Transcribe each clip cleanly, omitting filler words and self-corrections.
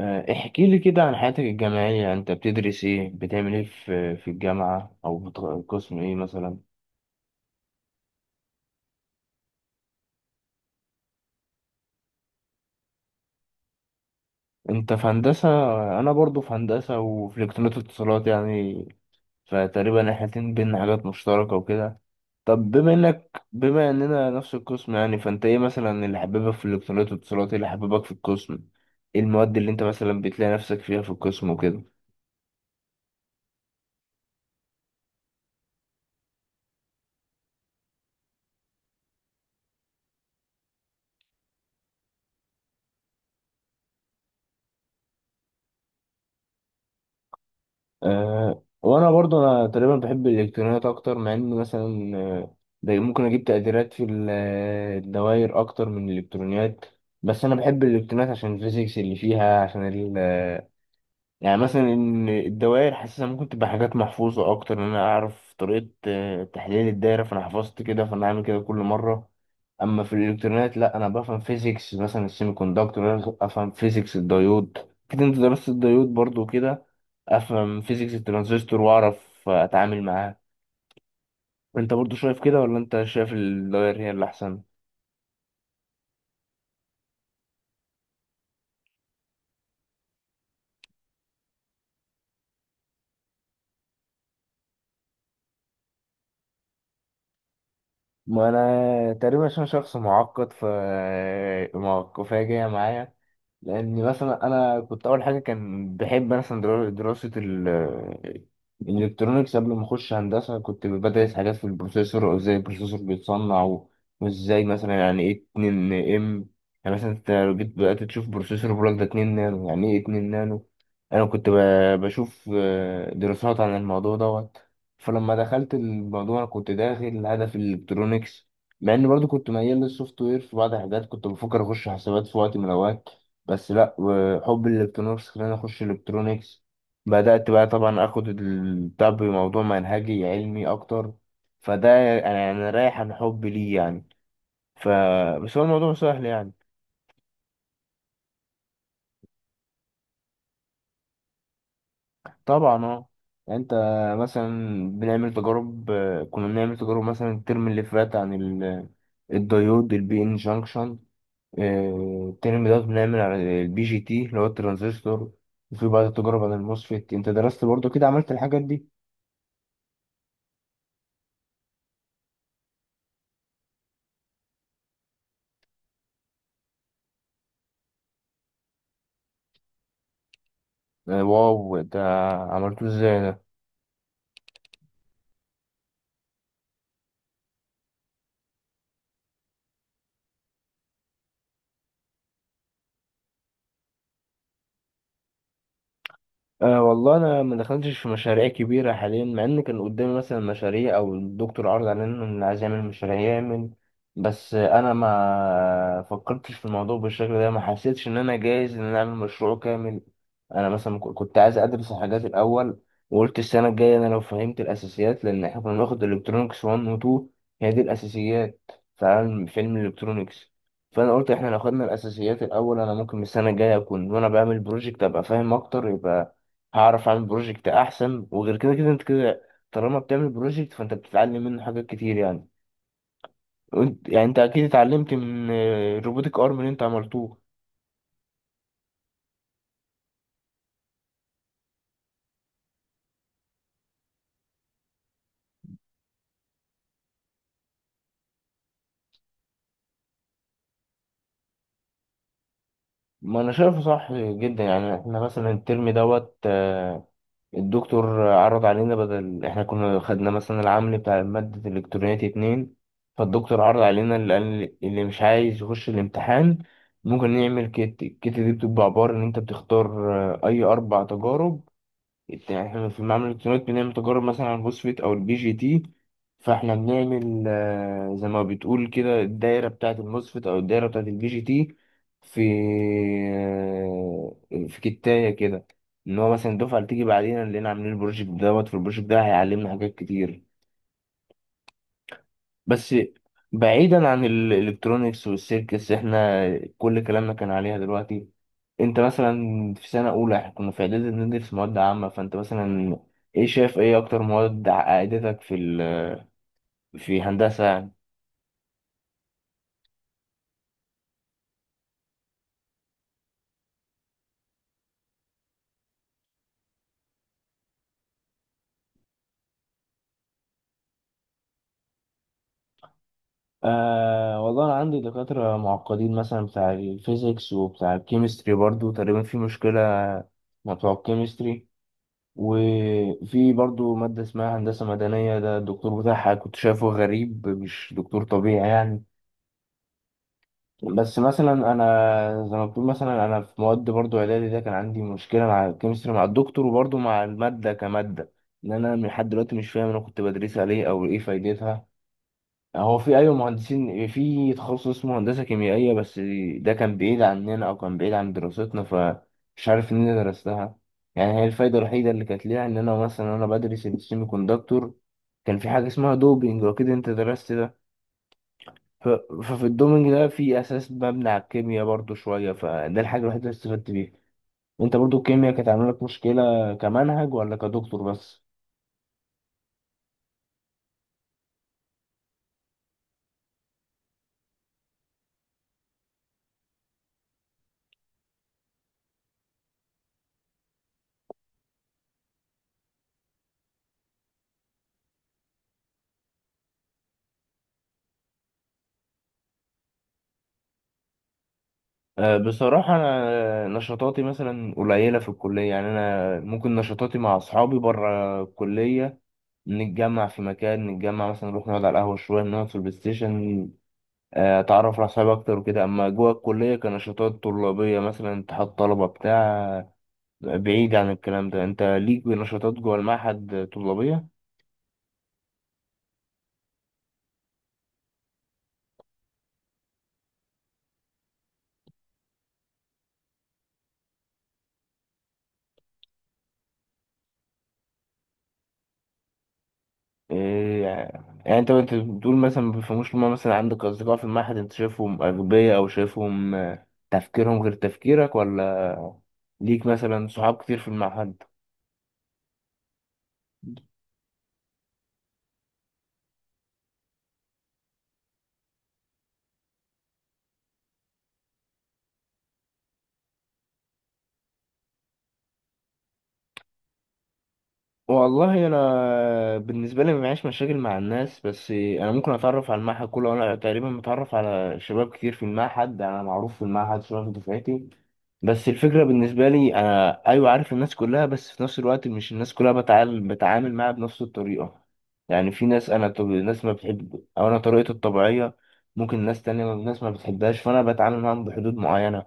احكي لي كده عن حياتك الجامعية، انت بتدرس ايه، بتعمل ايه في الجامعة او قسم ايه مثلا؟ انت في هندسة. انا برضو في هندسة وفي الكترونيات واتصالات يعني، فتقريبا احنا الاتنين بينا حاجات مشتركة وكده. طب بما اننا نفس القسم يعني، فانت ايه مثلا اللي حبيبك في الالكترونيات والاتصالات، ايه اللي حبيبك في القسم، ايه المواد اللي انت مثلا بتلاقي نفسك فيها في القسم وكده؟ أه، وانا برضو، انا تقريبا بحب الالكترونيات اكتر، مع ان مثلا ده ممكن اجيب تقديرات في الدوائر اكتر من الالكترونيات، بس انا بحب الالكترونيات عشان الفيزيكس اللي فيها، عشان يعني مثلا ان الدوائر حاسسها ممكن تبقى حاجات محفوظه اكتر، ان انا اعرف طريقه تحليل الدايره، فانا حفظت كده فانا هعمل كده كل مره. اما في الالكترونيات لا، انا بفهم فيزيكس مثلا السيمي كوندكتور، انا افهم فيزيكس الديود، كده انت درست الديود برضو كده، افهم فيزيكس الترانزستور واعرف اتعامل معاه. انت برضو شايف كده، ولا انت شايف الدوائر هي اللي احسن؟ ما انا تقريبا عشان شخص معقد، ف معقفة جاية معايا، لان مثلا انا كنت اول حاجه كان بحب مثلا دراسه الالكترونيكس. قبل ما اخش هندسه كنت بدرس حاجات في البروسيسور وازاي البروسيسور بيتصنع، وازاي مثلا يعني ايه 2 ام، يعني مثلا انت لو جيت بدات تشوف بروسيسور بيقول لك ده 2 نانو، يعني ايه 2 نانو؟ انا كنت بشوف دراسات عن الموضوع دوت. فلما دخلت الموضوع انا كنت داخل هدف الالكترونيكس، مع اني برضو كنت ميال للسوفت وير في بعض الحاجات، كنت بفكر اخش حسابات في وقت من الاوقات، بس لا، وحب الالكترونكس خلاني اخش الكترونكس. بدأت بقى طبعا اخد البتاع بموضوع منهجي علمي اكتر، فده، انا انا رايح عن حب ليه يعني، ف بس هو الموضوع سهل يعني. طبعا اه. انت مثلا، بنعمل تجارب، كنا بنعمل تجارب مثلا الترم اللي فات عن الديود البي ان جانكشن، الترم ده بنعمل عن البي جي تي اللي هو الترانزستور، وفي بعض التجارب عن الموسفيت. انت درست برضو كده، عملت الحاجات دي؟ واو، ده عملته ازاي؟ أه والله، انا ما دخلتش في مشاريع كبيره حاليا، مع ان كان قدامي مثلا مشاريع، او الدكتور عرض علينا ان عايز يعمل مشاريع يعمل، بس انا ما فكرتش في الموضوع بالشكل ده، ما حسيتش ان انا جاهز ان انا اعمل مشروع كامل. انا مثلا كنت عايز ادرس الحاجات الاول، وقلت السنه الجايه انا لو فهمت الاساسيات، لان احنا كنا بناخد الكترونكس 1 و 2، هي دي الاساسيات في علم في علم الالكترونكس، فانا قلت احنا لو خدنا الاساسيات الاول، انا ممكن السنه الجايه اكون وانا بعمل بروجكت ابقى فاهم اكتر، يبقى هعرف اعمل بروجكت احسن. وغير كده كده انت كده، طالما بتعمل بروجكت فانت بتتعلم منه حاجات كتير يعني. وانت يعني انت اكيد اتعلمت من الروبوتك ارم اللي انت عملتوه. ما انا شايفه صح جدا يعني. احنا مثلا الترم دوت الدكتور عرض علينا، بدل احنا كنا خدنا مثلا العمل بتاع مادة الالكترونيات اتنين، فالدكتور عرض علينا، اللي قال اللي مش عايز يخش الامتحان ممكن نعمل كيت. الكيت دي بتبقى عبارة ان انت بتختار اي اربع تجارب. يعني احنا في معمل الالكترونيات بنعمل تجارب مثلا على الفوسفيت او البي جي تي، فاحنا بنعمل زي ما بتقول كده الدايره بتاعه الموسفيت او الدايره بتاعه البي جي تي. في آه، في كتايه كده، ان هو مثلا الدفعه اللي تيجي بعدين لقينا عاملين البروجكت دوت، في البروجكت ده هيعلمنا حاجات كتير. بس، بعيدا عن الالكترونيكس والسيركس، احنا كل كلامنا كان عليها دلوقتي. انت مثلا في سنة اولى، احنا كنا في اعدادي بندرس مواد عامة، فانت مثلا ايه شايف، ايه اكتر مواد عقدتك في ال... في هندسة يعني؟ آه والله، انا عندي دكاترة معقدين مثلا بتاع الفيزيكس وبتاع الكيمستري، برضو تقريبا في مشكلة مع بتوع الكيمستري. وفي برضو مادة اسمها هندسة مدنية، ده الدكتور بتاعها كنت شايفه غريب، مش دكتور طبيعي يعني. بس مثلا انا زي ما بتقول، مثلا انا في مواد برضو اعدادي ده كان عندي مشكله مع الكيمستري، مع الدكتور وبرضو مع الماده كماده. ان انا من لحد دلوقتي مش فاهم انا كنت بدرسها ليه او ايه فايدتها. هو في ايوه مهندسين في تخصص اسمه هندسه كيميائيه، بس ده كان بعيد عننا او كان بعيد عن دراستنا، فمش عارف ان انا درستها. يعني هي الفايده الوحيده اللي كانت ليها ان انا مثلا انا بدرس السيمي كوندكتور، كان في حاجه اسمها دوبينج، واكيد انت درست ده. ف- ففي الدومينج ده في اساس مبني على الكيمياء برضو شويه، فده الحاجه الوحيده اللي استفدت بيها. انت برضو الكيمياء كانت عامله لك مشكله كمنهج ولا كدكتور بس؟ أه بصراحه، انا نشاطاتي مثلا قليله في الكليه يعني، انا ممكن نشاطاتي مع اصحابي بره الكليه، نتجمع في مكان، نتجمع مثلا نروح نقعد على القهوه شويه، نقعد في البلاي ستيشن، اتعرف على اصحابي اكتر وكده. اما جوه الكليه كنشاطات طلابيه مثلا اتحاد طلبه بتاع، بعيد عن الكلام ده، انت ليك نشاطات جوه المعهد طلابية؟ إيه يعني انت، انت بتقول مثلا ما بيفهموش، لما مثلا عندك اصدقاء في المعهد انت شايفهم اغبياء، او شايفهم تفكيرهم غير تفكيرك، ولا ليك مثلا صحاب كتير في المعهد؟ والله انا بالنسبه لي ما معيش مشاكل مع الناس، بس انا ممكن اتعرف على المعهد كله. انا تقريبا متعرف على شباب كتير في المعهد، انا معروف في المعهد شباب في دفعتي. بس الفكرة بالنسبة لي، أنا أيوة عارف الناس كلها، بس في نفس الوقت مش الناس كلها بتعامل معاها بنفس الطريقة. يعني في ناس أنا طب... ناس ما بتحب أو أنا طريقتي الطبيعية ممكن ناس تانية ناس ما بتحبهاش، فأنا بتعامل معاهم بحدود معينة.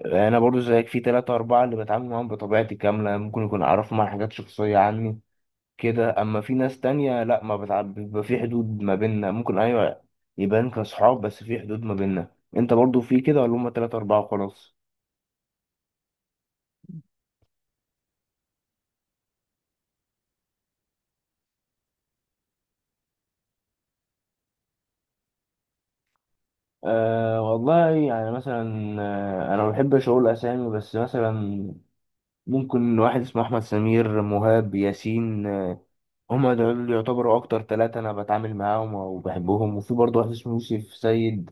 يعني أنا برضو زيك، في تلاتة أربعة اللي بتعامل معاهم بطبيعتي كاملة، ممكن يكون أعرفهم عن حاجات شخصية عني كده، أما في ناس تانية لأ، ما بتعب، بيبقى في حدود ما بيننا، ممكن أيوة يبان كأصحاب بس في حدود ما بيننا. أنت برضو في كده، ولا هما تلاتة أربعة وخلاص؟ أه والله يعني مثلا، انا ما بحبش اقول اسامي، بس مثلا ممكن واحد اسمه احمد، سمير، مهاب، ياسين، هما دول يعتبروا اكتر ثلاثة انا بتعامل معاهم وبحبهم، وفي برضه واحد اسمه يوسف سيد.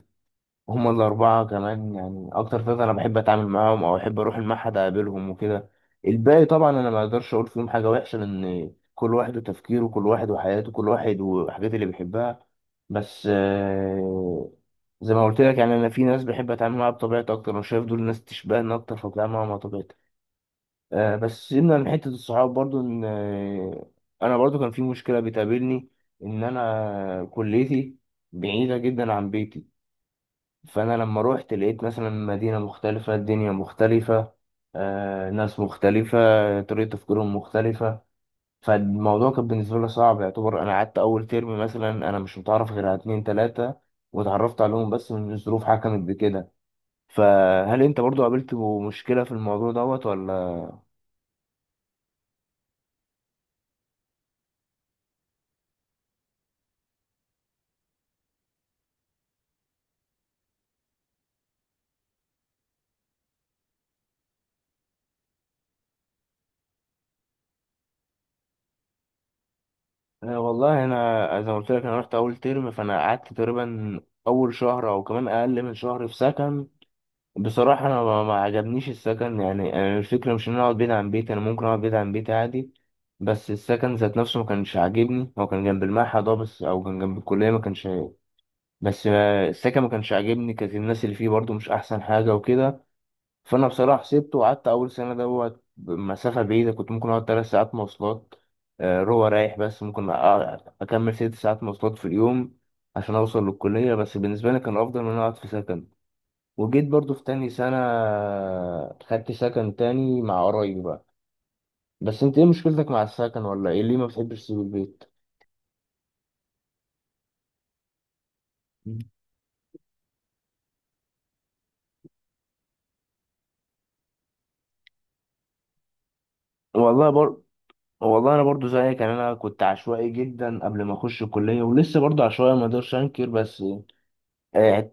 هما الأربعة كمان يعني، أكتر ثلاثة أنا بحب أتعامل معاهم أو أحب أروح المعهد أقابلهم وكده. الباقي طبعا أنا ما أقدرش أقول فيهم حاجة وحشة، لأن كل واحد وتفكيره، كل واحد وحياته، كل واحد والحاجات اللي بيحبها. بس زي ما قلت لك يعني، أنا في ناس بحب أتعامل معاها بطبيعتي أكتر، أنا شايف دول ناس تشبهني أكتر فبتعامل معاهم على طبيعتي. بس سيبنا من حتة الصحاب. برضو إن أنا برضو كان في مشكلة بتقابلني، إن أنا كليتي بعيدة جدا عن بيتي، فأنا لما روحت لقيت مثلا مدينة مختلفة، الدنيا مختلفة، ناس مختلفة، طريقة تفكيرهم مختلفة، فالموضوع كان بالنسبة لي صعب. يعتبر أنا قعدت أول ترم مثلا أنا مش متعرف غير على اتنين تلاتة، واتعرفت عليهم بس من الظروف حكمت بكده. فهل أنت برضو قابلت مشكلة في الموضوع دوت ولا؟ والله أنا زي ما قلت لك، أنا رحت أول ترم، فأنا قعدت تقريبا أول شهر أو كمان أقل من شهر في سكن. بصراحة أنا ما عجبنيش السكن يعني. أنا الفكرة مش إن أنا أقعد بعيد عن بيتي، أنا ممكن أقعد بعيد عن بيتي عادي، بس السكن ذات نفسه ما كانش عاجبني. هو كان جنب المعهد أه، بس أو كان جنب الكلية، ما كانش عاجبني. بس السكن ما كانش عاجبني، كانت الناس اللي فيه برضو مش أحسن حاجة وكده. فأنا بصراحة سبته، وقعدت أول سنة دوت مسافة بعيدة، كنت ممكن أقعد تلات ساعات مواصلات روح رايح، بس ممكن أكمل ست ساعات مواصلات في اليوم عشان أوصل للكلية، بس بالنسبة لي كان أفضل من إن أنا أقعد في سكن. وجيت برضو في تاني سنة خدت سكن تاني مع قرايبي بقى. بس انت ايه مشكلتك مع السكن، ولا ايه ليه ما بتحبش تسيب البيت؟ والله بر... والله انا برضو زيك يعني، انا كنت عشوائي جدا قبل ما اخش الكليه، ولسه برضو عشوائي، ما اقدرش انكر، بس آه،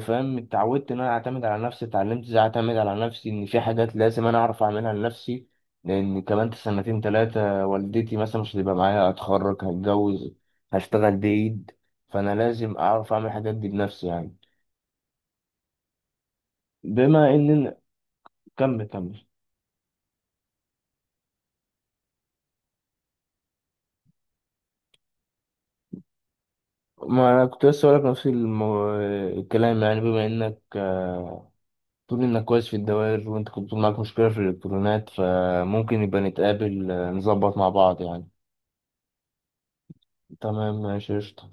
فاهم اتعودت ان انا اعتمد على نفسي، اتعلمت ازاي اعتمد على نفسي، ان في حاجات لازم انا اعرف اعملها لنفسي. لان كمان سنتين ثلاثه والدتي مثلا مش هتبقى معايا، اتخرج، هتجوز، هشتغل بعيد، فانا لازم اعرف اعمل الحاجات دي بنفسي يعني. بما ان، كمل كمل. ما انا كنت لسه هقولك نفس المو... الكلام يعني، بما انك تقول انك كويس في الدوائر، وانت كنت بتقول معاك مشكله في الالكترونات، فممكن يبقى نتقابل نظبط مع بعض يعني. تمام، ماشي، قشطة.